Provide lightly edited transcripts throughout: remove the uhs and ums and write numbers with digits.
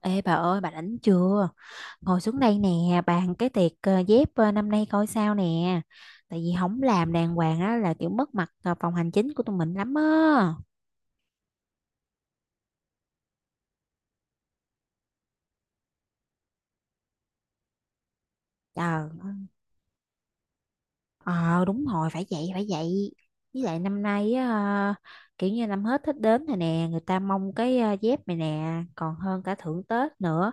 Ê bà ơi, bà rảnh chưa? Ngồi xuống đây nè, bàn cái tiệc dép năm nay coi sao nè. Tại vì không làm đàng hoàng á là kiểu mất mặt phòng hành chính của tụi mình lắm á. Trời. Ờ, đúng rồi, phải vậy phải vậy. Với lại năm nay á, ờ, kiểu như năm hết Tết đến rồi nè. Người ta mong cái dép này nè còn hơn cả thưởng Tết nữa.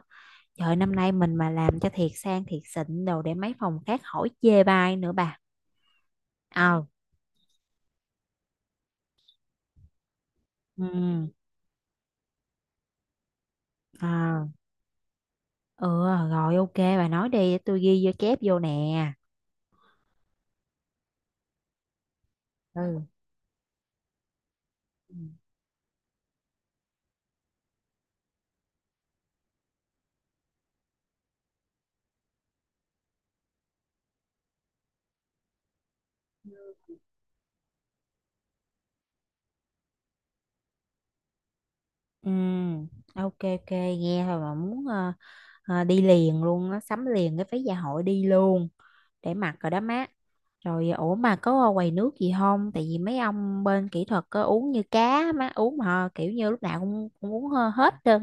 Trời, năm nay mình mà làm cho thiệt sang thiệt xịn đồ để mấy phòng khác hỏi chê bai nữa bà. Ờ. Ừ. Ờ. Ừ, rồi ok, bà nói đi để tôi ghi vô chép vô nè. Ừ. Ừ. Ok, ok, nghe thôi mà muốn đi liền luôn á, sắm liền cái phí dạ hội đi luôn để mặc rồi đó má. Rồi ủa, mà có quầy nước gì không? Tại vì mấy ông bên kỹ thuật có uống như cá má uống mà kiểu như lúc nào cũng uống hết trơn.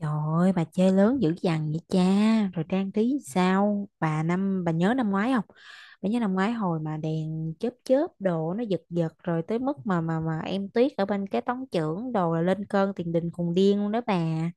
Trời ơi, bà chơi lớn dữ dằn vậy cha. Rồi trang trí sao? Bà nhớ năm ngoái không? Bà nhớ năm ngoái hồi mà đèn chớp chớp đồ nó giật giật rồi tới mức mà em Tuyết ở bên cái tống trưởng đồ là lên cơn tiền đình khùng điên luôn đó bà.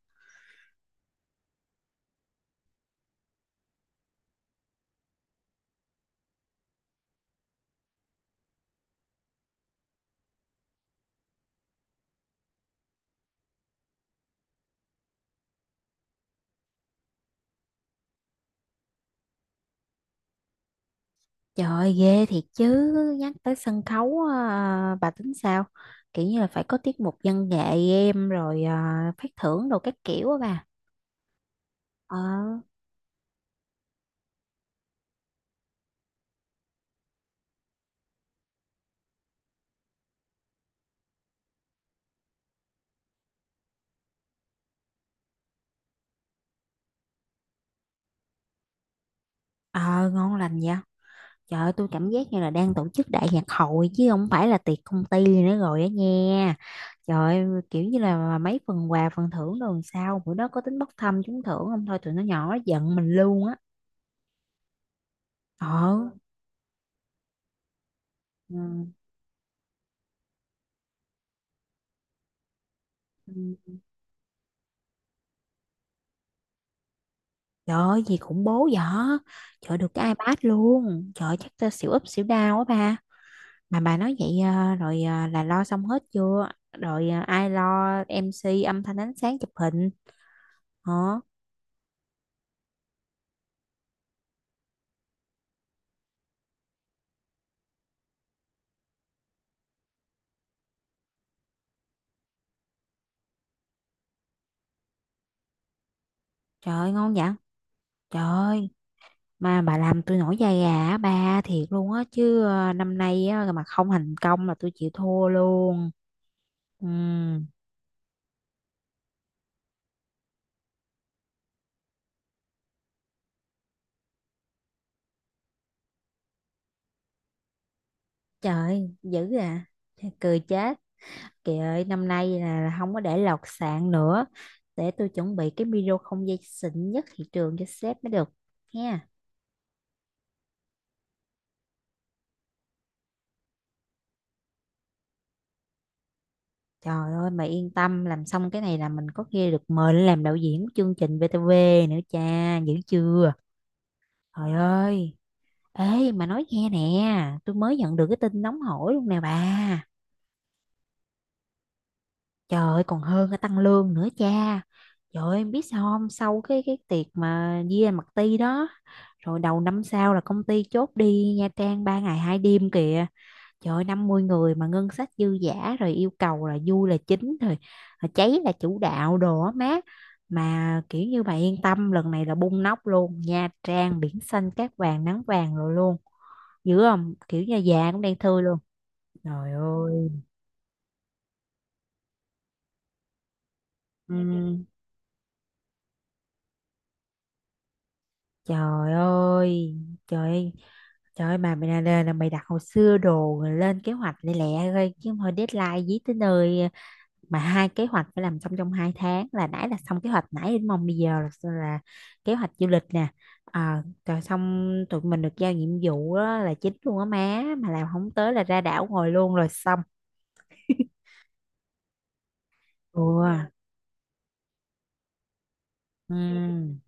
Trời ơi, ghê thiệt chứ, nhắc tới sân khấu à, bà tính sao? Kiểu như là phải có tiết mục văn nghệ em rồi à, phát thưởng đồ các kiểu á bà. Ờ, ờ ngon lành vậy. Trời ơi, tôi cảm giác như là đang tổ chức đại nhạc hội chứ không phải là tiệc công ty nữa rồi á nha. Trời ơi, kiểu như là mấy phần quà phần thưởng rồi làm sao bữa đó có tính bốc thăm trúng thưởng không, thôi tụi nó nhỏ nó giận mình luôn á. Ờ. Ừ. Trời ơi, gì khủng bố vậy? Trời ơi, được cái iPad luôn. Trời ơi, chắc tôi xỉu úp xỉu đau á ba. Mà bà nói vậy à, rồi à, là lo xong hết chưa? Rồi à, ai lo em MC âm thanh ánh sáng chụp hình? Hả? Trời ơi, ngon vậy? Trời ơi, mà bà làm tôi nổi da gà á ba thiệt luôn á chứ năm nay á mà không thành công là tôi chịu thua luôn. Ừ. Trời, dữ à. Thôi. Cười chết. Kìa ơi, năm nay là không có để lọt sàn nữa. Để tôi chuẩn bị cái video không dây xịn nhất thị trường cho sếp mới được. Nha. Trời ơi, mà yên tâm, làm xong cái này là mình có khi được mời lên làm đạo diễn của chương trình VTV nữa cha, dữ chưa? Trời ơi. Ê, mà nói nghe nè. Tôi mới nhận được cái tin nóng hổi luôn nè bà. Trời ơi, còn hơn cả tăng lương nữa cha. Trời ơi, em biết sao không? Sau cái tiệc mà Via mặt ti đó. Rồi đầu năm sau là công ty chốt đi Nha Trang 3 ngày 2 đêm kìa. Trời ơi, 50 người mà ngân sách dư dả. Rồi yêu cầu là vui là chính. Rồi rồi cháy là chủ đạo đồ á má. Mà kiểu như bà yên tâm, lần này là bung nóc luôn. Nha Trang biển xanh cát vàng nắng vàng rồi luôn. Dữ không, kiểu như già cũng đang thui luôn. Trời ơi. Ừm, Trời ơi. Trời ơi. Trời ơi, mà mày là mày đặt hồi xưa đồ rồi lên kế hoạch lẹ lẹ thôi chứ, thôi deadline dí tới nơi mà hai kế hoạch phải làm xong trong 2 tháng, là nãy là xong kế hoạch nãy đến mong bây giờ là kế hoạch du lịch nè, à rồi xong tụi mình được giao nhiệm vụ á, là chính luôn á má mà làm không tới là ra đảo ngồi luôn rồi xong. Ừ. Ừ.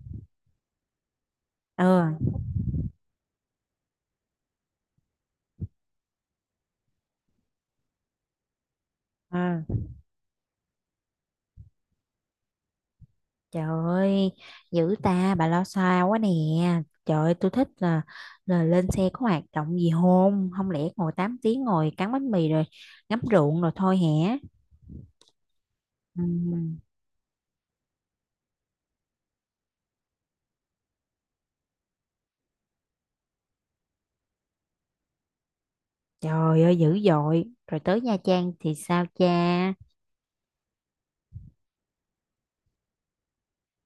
Ừ. Trời ơi, dữ ta, bà lo xa quá nè. Trời ơi, tôi thích là lên xe có hoạt động gì hôn, không lẽ ngồi 8 tiếng ngồi cắn bánh mì rồi ngắm ruộng rồi thôi hả? Ừ. Trời ơi, dữ dội. Rồi tới Nha Trang thì sao cha?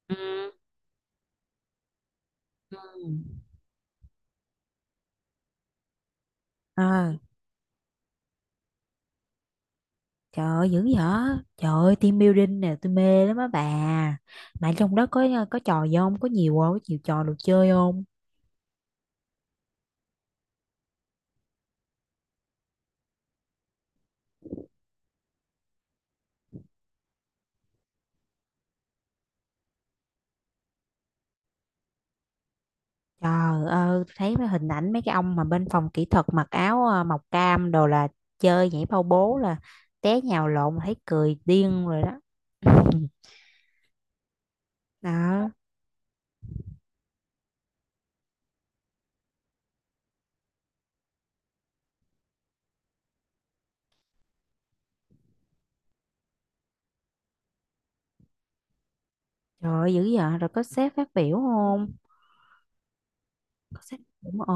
Ừ. Ừ. Ờ. Trời ơi, dữ dở. Trời ơi, team building nè, tôi mê lắm á bà. Mà trong đó có trò gì không? Có nhiều không? Có nhiều trò đồ chơi không? Trời ơi, thấy mấy hình ảnh mấy cái ông mà bên phòng kỹ thuật mặc áo màu cam đồ là chơi nhảy bao bố là té nhào lộn thấy cười điên rồi đó. Đó, trời ơi, dữ vậy rồi có sếp phát biểu không? Có sếp đúng ờ.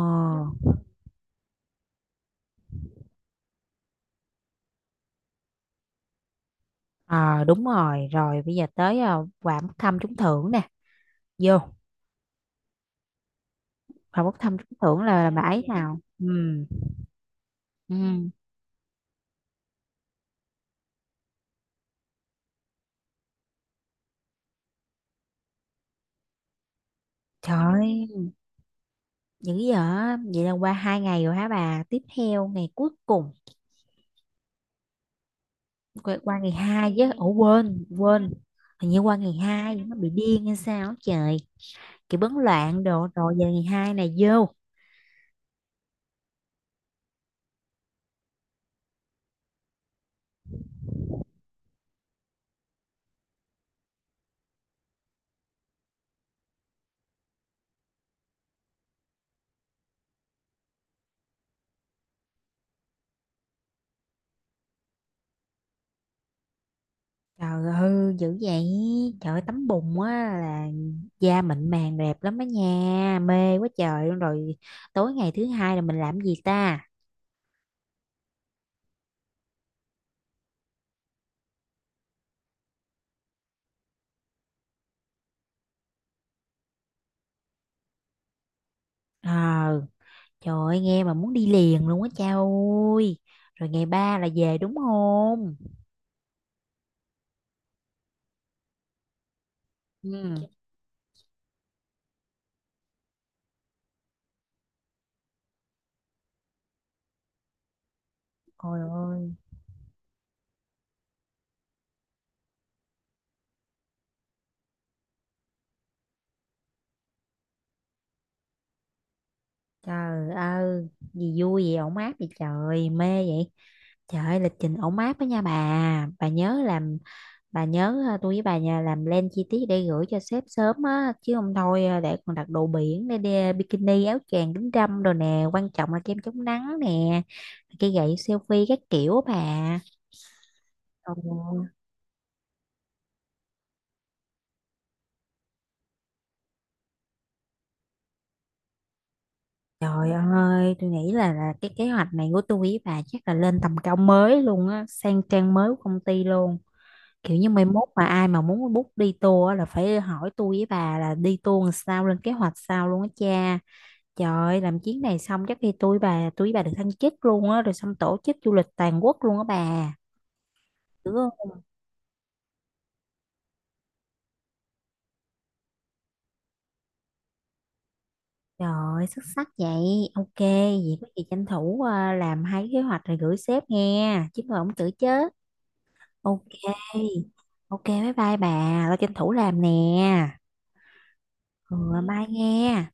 Ờ, đúng rồi, rồi bây giờ tới quà bốc thăm trúng thưởng nè. Vô, quà bốc thăm trúng thưởng là bà ấy nào? Ừ. Ừ. Trời ơi, dữ vậy. Vậy là qua 2 ngày rồi hả bà? Tiếp theo ngày cuối cùng, qua ngày 2 chứ, ủa, quên quên, hình như qua ngày 2 nó bị điên hay sao á trời, kiểu bấn loạn đồ rồi, giờ ngày 2 này vô. Trời ơi, dữ vậy. Trời ơi, tắm bùn á là da mịn màng đẹp lắm á nha, mê quá trời luôn. Rồi tối ngày thứ hai là mình làm gì ta? Ờ. Trời ơi, nghe mà muốn đi liền luôn á cha ơi. Rồi ngày 3 là về đúng không? Ừ. Ôi ơi, trời ơi, gì vui vậy, ổn áp vậy, trời mê vậy. Trời ơi, lịch trình ổn áp đó nha bà. Bà nhớ làm Bà nhớ tôi với bà nhà làm plan chi tiết để gửi cho sếp sớm á, chứ không thôi để còn đặt đồ biển, bikini áo choàng kính râm rồi nè, quan trọng là kem chống nắng nè, cái gậy selfie các kiểu á bà. Ồ, trời ơi, tôi nghĩ là cái kế hoạch này của tôi với bà chắc là lên tầm cao mới luôn á, sang trang mới của công ty luôn. Kiểu như mai mốt mà ai mà muốn book đi tour á là phải hỏi tôi với bà là đi tour làm sao, lên kế hoạch sao luôn á cha. Trời ơi, làm chuyến này xong chắc khi tôi với bà được thăng chức luôn á, rồi xong tổ chức du lịch toàn quốc luôn á bà. Dữ không? Trời ơi, xuất sắc vậy. Ok, vậy có gì tranh thủ à, làm hai cái kế hoạch rồi gửi sếp nghe chứ mà không tự chứ. Ok, ok, bye bye bà, tao tranh thủ làm nè. Ừ, bye nghe.